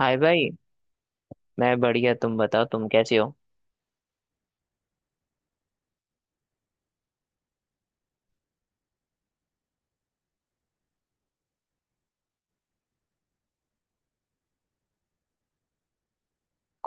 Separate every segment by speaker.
Speaker 1: हाय भाई। मैं बढ़िया, तुम बताओ तुम कैसे हो।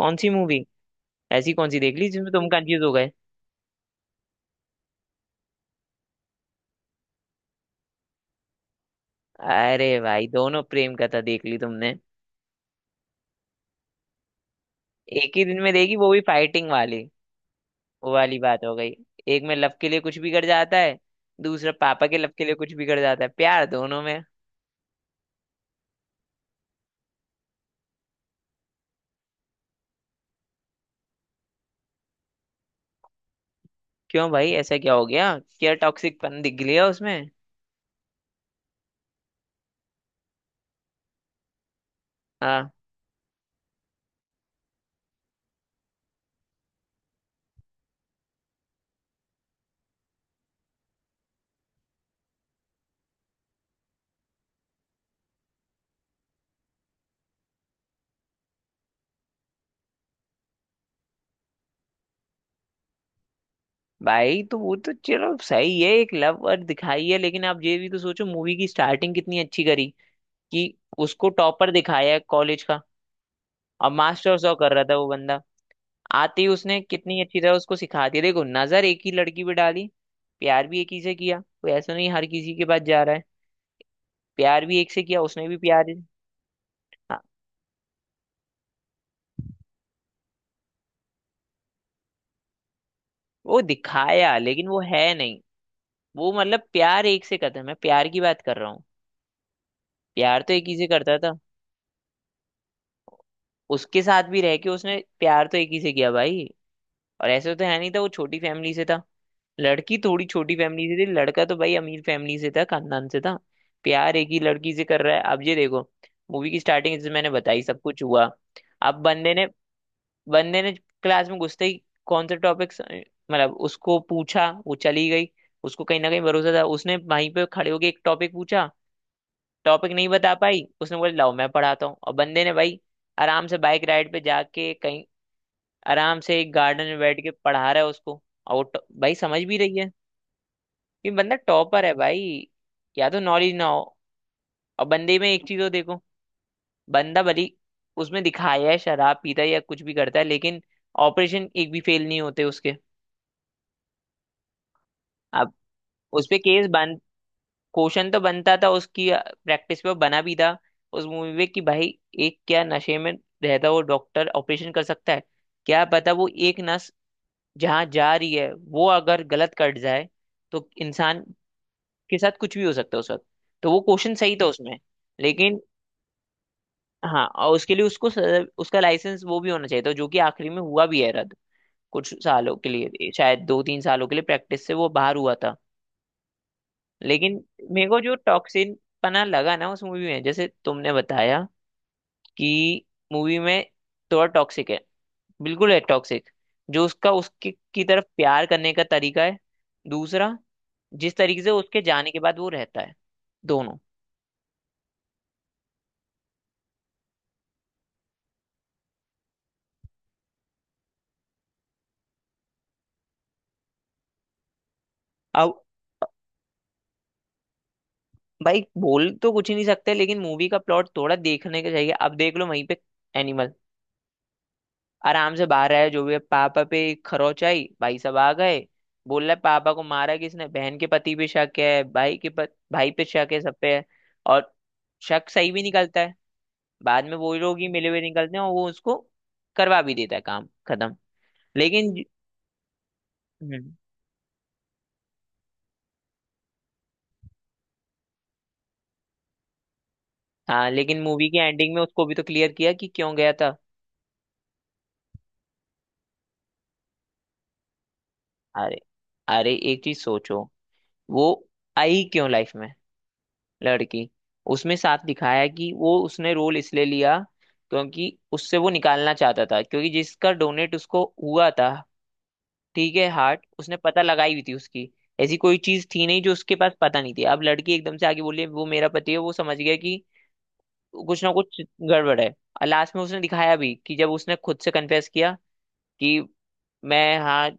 Speaker 1: कौन सी मूवी? ऐसी कौन सी देख ली जिसमें तुम कंफ्यूज हो गए? अरे भाई दोनों प्रेम कथा देख ली तुमने। एक ही दिन में देखी, वो भी फाइटिंग वाली। वो वाली बात हो गई। एक में लव के लिए कुछ बिगड़ जाता है, दूसरा पापा के लव के लिए कुछ बिगड़ जाता है, प्यार दोनों में। क्यों भाई, ऐसा क्या हो गया? क्या टॉक्सिक पन दिख गया उसमें? हाँ भाई, तो वो तो चलो सही है, एक लव और दिखाई है, लेकिन आप ये भी तो सोचो, मूवी की स्टार्टिंग कितनी अच्छी करी कि उसको टॉपर दिखाया है कॉलेज का। अब मास्टर सौ कर रहा था वो बंदा। आती, उसने कितनी अच्छी तरह उसको सिखा दिया। देखो, नजर एक ही लड़की पे डाली, प्यार भी एक ही से किया, कोई ऐसा नहीं हर किसी के पास जा रहा है। प्यार भी एक से किया उसने, भी प्यार। हाँ, वो दिखाया लेकिन वो है नहीं। वो मतलब प्यार एक से करता है, मैं प्यार की बात कर रहा हूँ। प्यार तो एक ही से करता था। उसके साथ भी रह के उसने प्यार तो एक ही से किया भाई। और ऐसे तो है नहीं था, वो छोटी फैमिली से था। लड़की थोड़ी छोटी फैमिली से थी, लड़का तो भाई अमीर फैमिली से था, खानदान से था। प्यार एक ही लड़की से कर रहा है। अब ये देखो, मूवी की स्टार्टिंग जैसे मैंने बताई, सब कुछ हुआ। अब बंदे ने क्लास में घुसते ही कौन सा टॉपिक, मतलब उसको पूछा, वो चली गई। उसको कहीं ना कहीं भरोसा था, उसने वहीं पे खड़े होके एक टॉपिक पूछा, टॉपिक नहीं बता पाई, उसने बोला लाओ मैं पढ़ाता हूँ, और बंदे ने भाई आराम से बाइक राइड पे जाके कहीं, आराम से एक गार्डन में बैठ के पढ़ा रहा है उसको, और वो भाई समझ भी रही है। ये बंदा टॉपर है भाई। या तो नॉलेज ना हो। और बंदे में एक चीज हो देखो, बंदा भली उसमें दिखाया है शराब पीता है या कुछ भी करता है लेकिन ऑपरेशन एक भी फेल नहीं होते उसके। अब उस पे केस बन, क्वेश्चन तो बनता था उसकी प्रैक्टिस पे, वो बना भी था उस मूवी में कि भाई एक क्या नशे में रहता वो डॉक्टर ऑपरेशन कर सकता है? क्या पता वो एक नस जहाँ जा रही है वो अगर गलत कट जाए तो इंसान के साथ कुछ भी हो सकता है उस वक्त। तो वो क्वेश्चन सही था उसमें। लेकिन हाँ, और उसके लिए उसको उसका लाइसेंस वो भी होना चाहिए था, जो कि आखिरी में हुआ भी है रद्द। कुछ सालों के लिए, शायद 2-3 सालों के लिए प्रैक्टिस से वो बाहर हुआ था। लेकिन मेरे को जो टॉक्सिन पना लगा ना उस मूवी में, जैसे तुमने बताया कि मूवी में थोड़ा टॉक्सिक है, बिल्कुल है टॉक्सिक, जो उसका उसकी की तरफ प्यार करने का तरीका है। दूसरा, जिस तरीके से उसके जाने के बाद वो रहता है, दोनों। अब भाई बोल तो कुछ ही नहीं सकते, लेकिन मूवी का प्लॉट थोड़ा देखने का चाहिए। अब देख लो वहीं पे एनिमल, आराम से बाहर आया जो भी है, पापा पे खरोच आई, भाई साहब आ गए। बोल रहा है पापा को मारा किसने, बहन के पति पे शक है, भाई पे शक है, सब पे है। और शक सही भी निकलता है, बाद में वो लोग ही मिले हुए निकलते हैं, और वो उसको करवा भी देता है, काम खत्म। लेकिन हम्म, हाँ लेकिन मूवी की एंडिंग में उसको भी तो क्लियर किया कि क्यों गया था। अरे, अरे एक चीज सोचो, वो आई क्यों लाइफ में लड़की, उसमें साफ दिखाया है कि वो उसने रोल इसलिए लिया क्योंकि उससे वो निकालना चाहता था क्योंकि जिसका डोनेट उसको हुआ था, ठीक है, हार्ट उसने पता लगाई हुई थी उसकी। ऐसी कोई चीज थी नहीं जो उसके पास पता नहीं थी। अब लड़की एकदम से आगे बोली वो मेरा पति है, वो समझ गया कि कुछ ना कुछ गड़बड़ है। और लास्ट में उसने दिखाया भी कि जब उसने खुद से कन्फेस किया कि मैं हाँ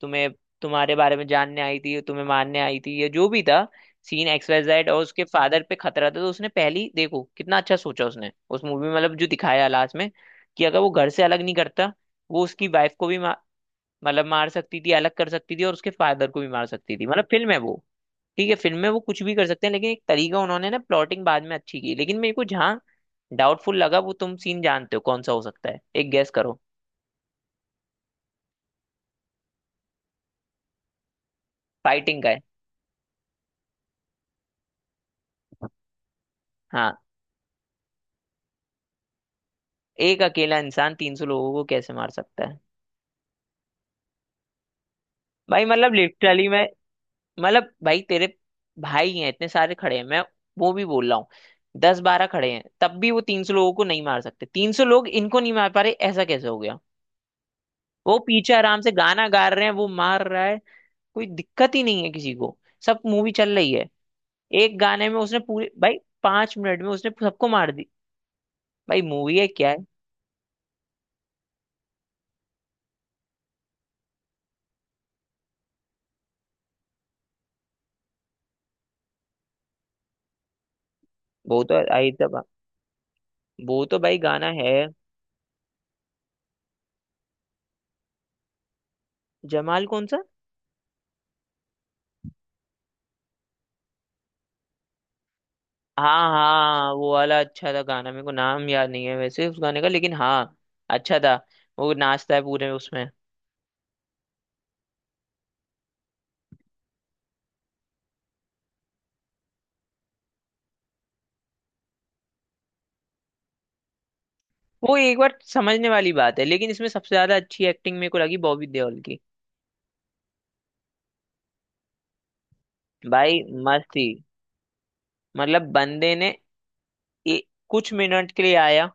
Speaker 1: तुम्हें, तुम्हारे बारे में जानने आई थी, तुम्हें मारने आई थी, या जो भी था सीन एक्स वाई जेड, और उसके फादर पे खतरा था, तो उसने पहली, देखो कितना अच्छा सोचा उसने उस मूवी में, मतलब जो दिखाया लास्ट में कि अगर वो घर से अलग नहीं करता, वो उसकी वाइफ को भी मतलब मार सकती थी, अलग कर सकती थी, और उसके फादर को भी मार सकती थी। मतलब फिल्म है वो, ठीक है, फिल्म में वो कुछ भी कर सकते हैं, लेकिन एक तरीका उन्होंने ना प्लॉटिंग बाद में अच्छी की। लेकिन मेरे को जहाँ डाउटफुल लगा, वो तुम सीन जानते हो कौन सा हो सकता है? एक गेस करो, फाइटिंग का है। हाँ। एक अकेला इंसान 300 लोगों को कैसे मार सकता है? भाई मतलब लिटरली, मैं मतलब भाई, तेरे भाई हैं, इतने सारे खड़े हैं, मैं वो भी बोल रहा हूँ, 10-12 खड़े हैं, तब भी वो 300 लोगों को नहीं मार सकते, 300 लोग इनको नहीं मार पा रहे, ऐसा कैसे हो गया? वो पीछे आराम से गाना गा रहे हैं, वो मार रहा है, कोई दिक्कत ही नहीं है किसी को, सब मूवी चल रही है। एक गाने में उसने पूरे भाई, 5 मिनट में उसने सबको मार दी। भाई मूवी है क्या है। वो तो आई था, वो तो भाई गाना है। जमाल कौन सा? हाँ हाँ वो वाला अच्छा था गाना, मेरे को नाम याद नहीं है वैसे उस गाने का, लेकिन हाँ अच्छा था। वो नाचता है पूरे उसमें। वो एक बार समझने वाली बात है, लेकिन इसमें सबसे ज्यादा अच्छी एक्टिंग मेरे को लगी बॉबी देओल की। भाई मस्त थी। मतलब बंदे ने ए, कुछ मिनट के लिए आया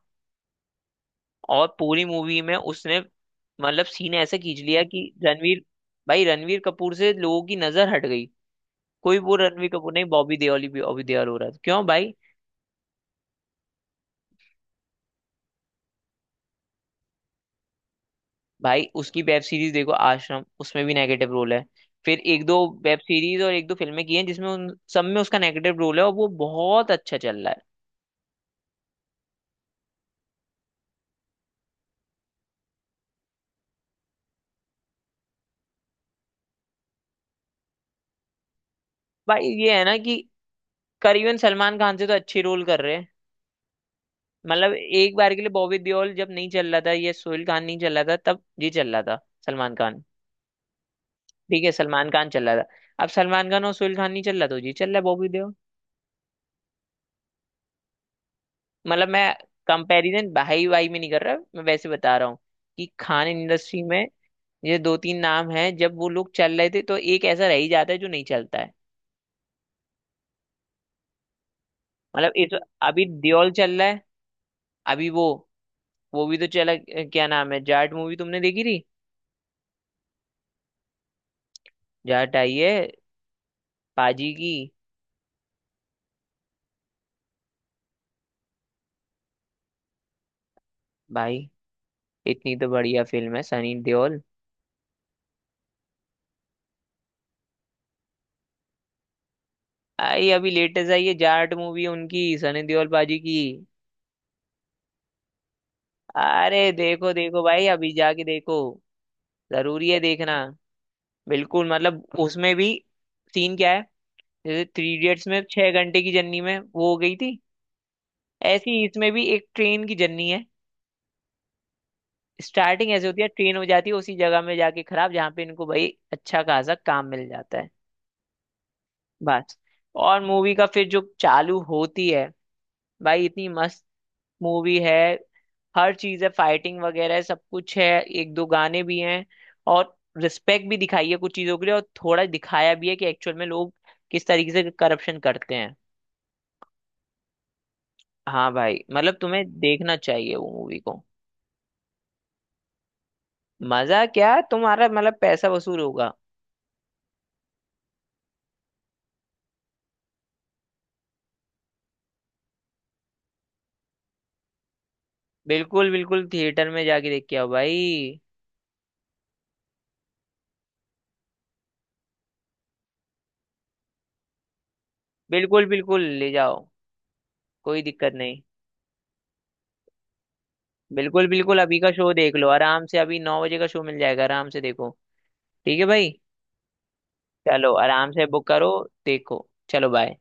Speaker 1: और पूरी मूवी में उसने, मतलब सीन ऐसे खींच लिया कि रणवीर, भाई रणवीर कपूर से लोगों की नजर हट गई। कोई वो रणवीर कपूर नहीं, बॉबी देओल ही बॉबी देओल हो रहा था। क्यों भाई, भाई उसकी वेब सीरीज देखो आश्रम, उसमें भी नेगेटिव रोल है। फिर एक दो वेब सीरीज और एक दो फिल्में की हैं जिसमें उन सब में उसका नेगेटिव रोल है, और वो बहुत अच्छा चल रहा है। भाई ये है ना कि करीबन सलमान खान से तो अच्छे रोल कर रहे हैं। मतलब एक बार के लिए बॉबी देओल जब नहीं चल रहा था, ये सोहेल खान नहीं चल रहा था, तब ये चल रहा था सलमान खान। ठीक है सलमान खान चल रहा था। अब सलमान खान और सोहेल खान नहीं चल रहा तो जी चल रहा है बॉबी देओल। मतलब मैं कंपैरिजन भाई भाई में नहीं कर रहा, मैं वैसे बता रहा हूँ कि खान इंडस्ट्री में ये दो तीन नाम हैं, जब वो लोग चल रहे थे तो एक ऐसा रह ही जाता है जो नहीं चलता है। मतलब इस, अभी दियोल चल रहा है, अभी वो भी तो चला क्या नाम है, जाट मूवी तुमने देखी थी? जाट आई है पाजी की। भाई इतनी तो बढ़िया फिल्म है सनी देओल। आई, अभी लेटेस्ट आई है जाट मूवी उनकी, सनी देओल पाजी की। अरे देखो देखो भाई, अभी जाके देखो, जरूरी है देखना। बिल्कुल, मतलब उसमें भी सीन क्या है, जैसे थ्री इडियट्स में 6 घंटे की जर्नी में वो हो गई थी, ऐसी ही इसमें भी एक ट्रेन की जर्नी है। स्टार्टिंग ऐसे होती है, ट्रेन हो जाती है उसी जगह में जाके खराब, जहाँ पे इनको भाई अच्छा खासा काम मिल जाता है। बस, और मूवी का फिर जो चालू होती है, भाई इतनी मस्त मूवी है, हर चीज है, फाइटिंग वगैरह है, सब कुछ है, एक दो गाने भी हैं, और रिस्पेक्ट भी दिखाई है कुछ चीजों के लिए, और थोड़ा दिखाया भी है कि एक्चुअल में लोग किस तरीके से करप्शन करते हैं। हाँ भाई, मतलब तुम्हें देखना चाहिए वो मूवी को। मजा क्या, तुम्हारा मतलब पैसा वसूल होगा। बिल्कुल बिल्कुल थिएटर में जाके देख के आओ भाई। बिल्कुल बिल्कुल ले जाओ, कोई दिक्कत नहीं। बिल्कुल बिल्कुल अभी का शो देख लो आराम से, अभी 9 बजे का शो मिल जाएगा, आराम से देखो। ठीक है भाई, चलो आराम से बुक करो। देखो, चलो, बाय।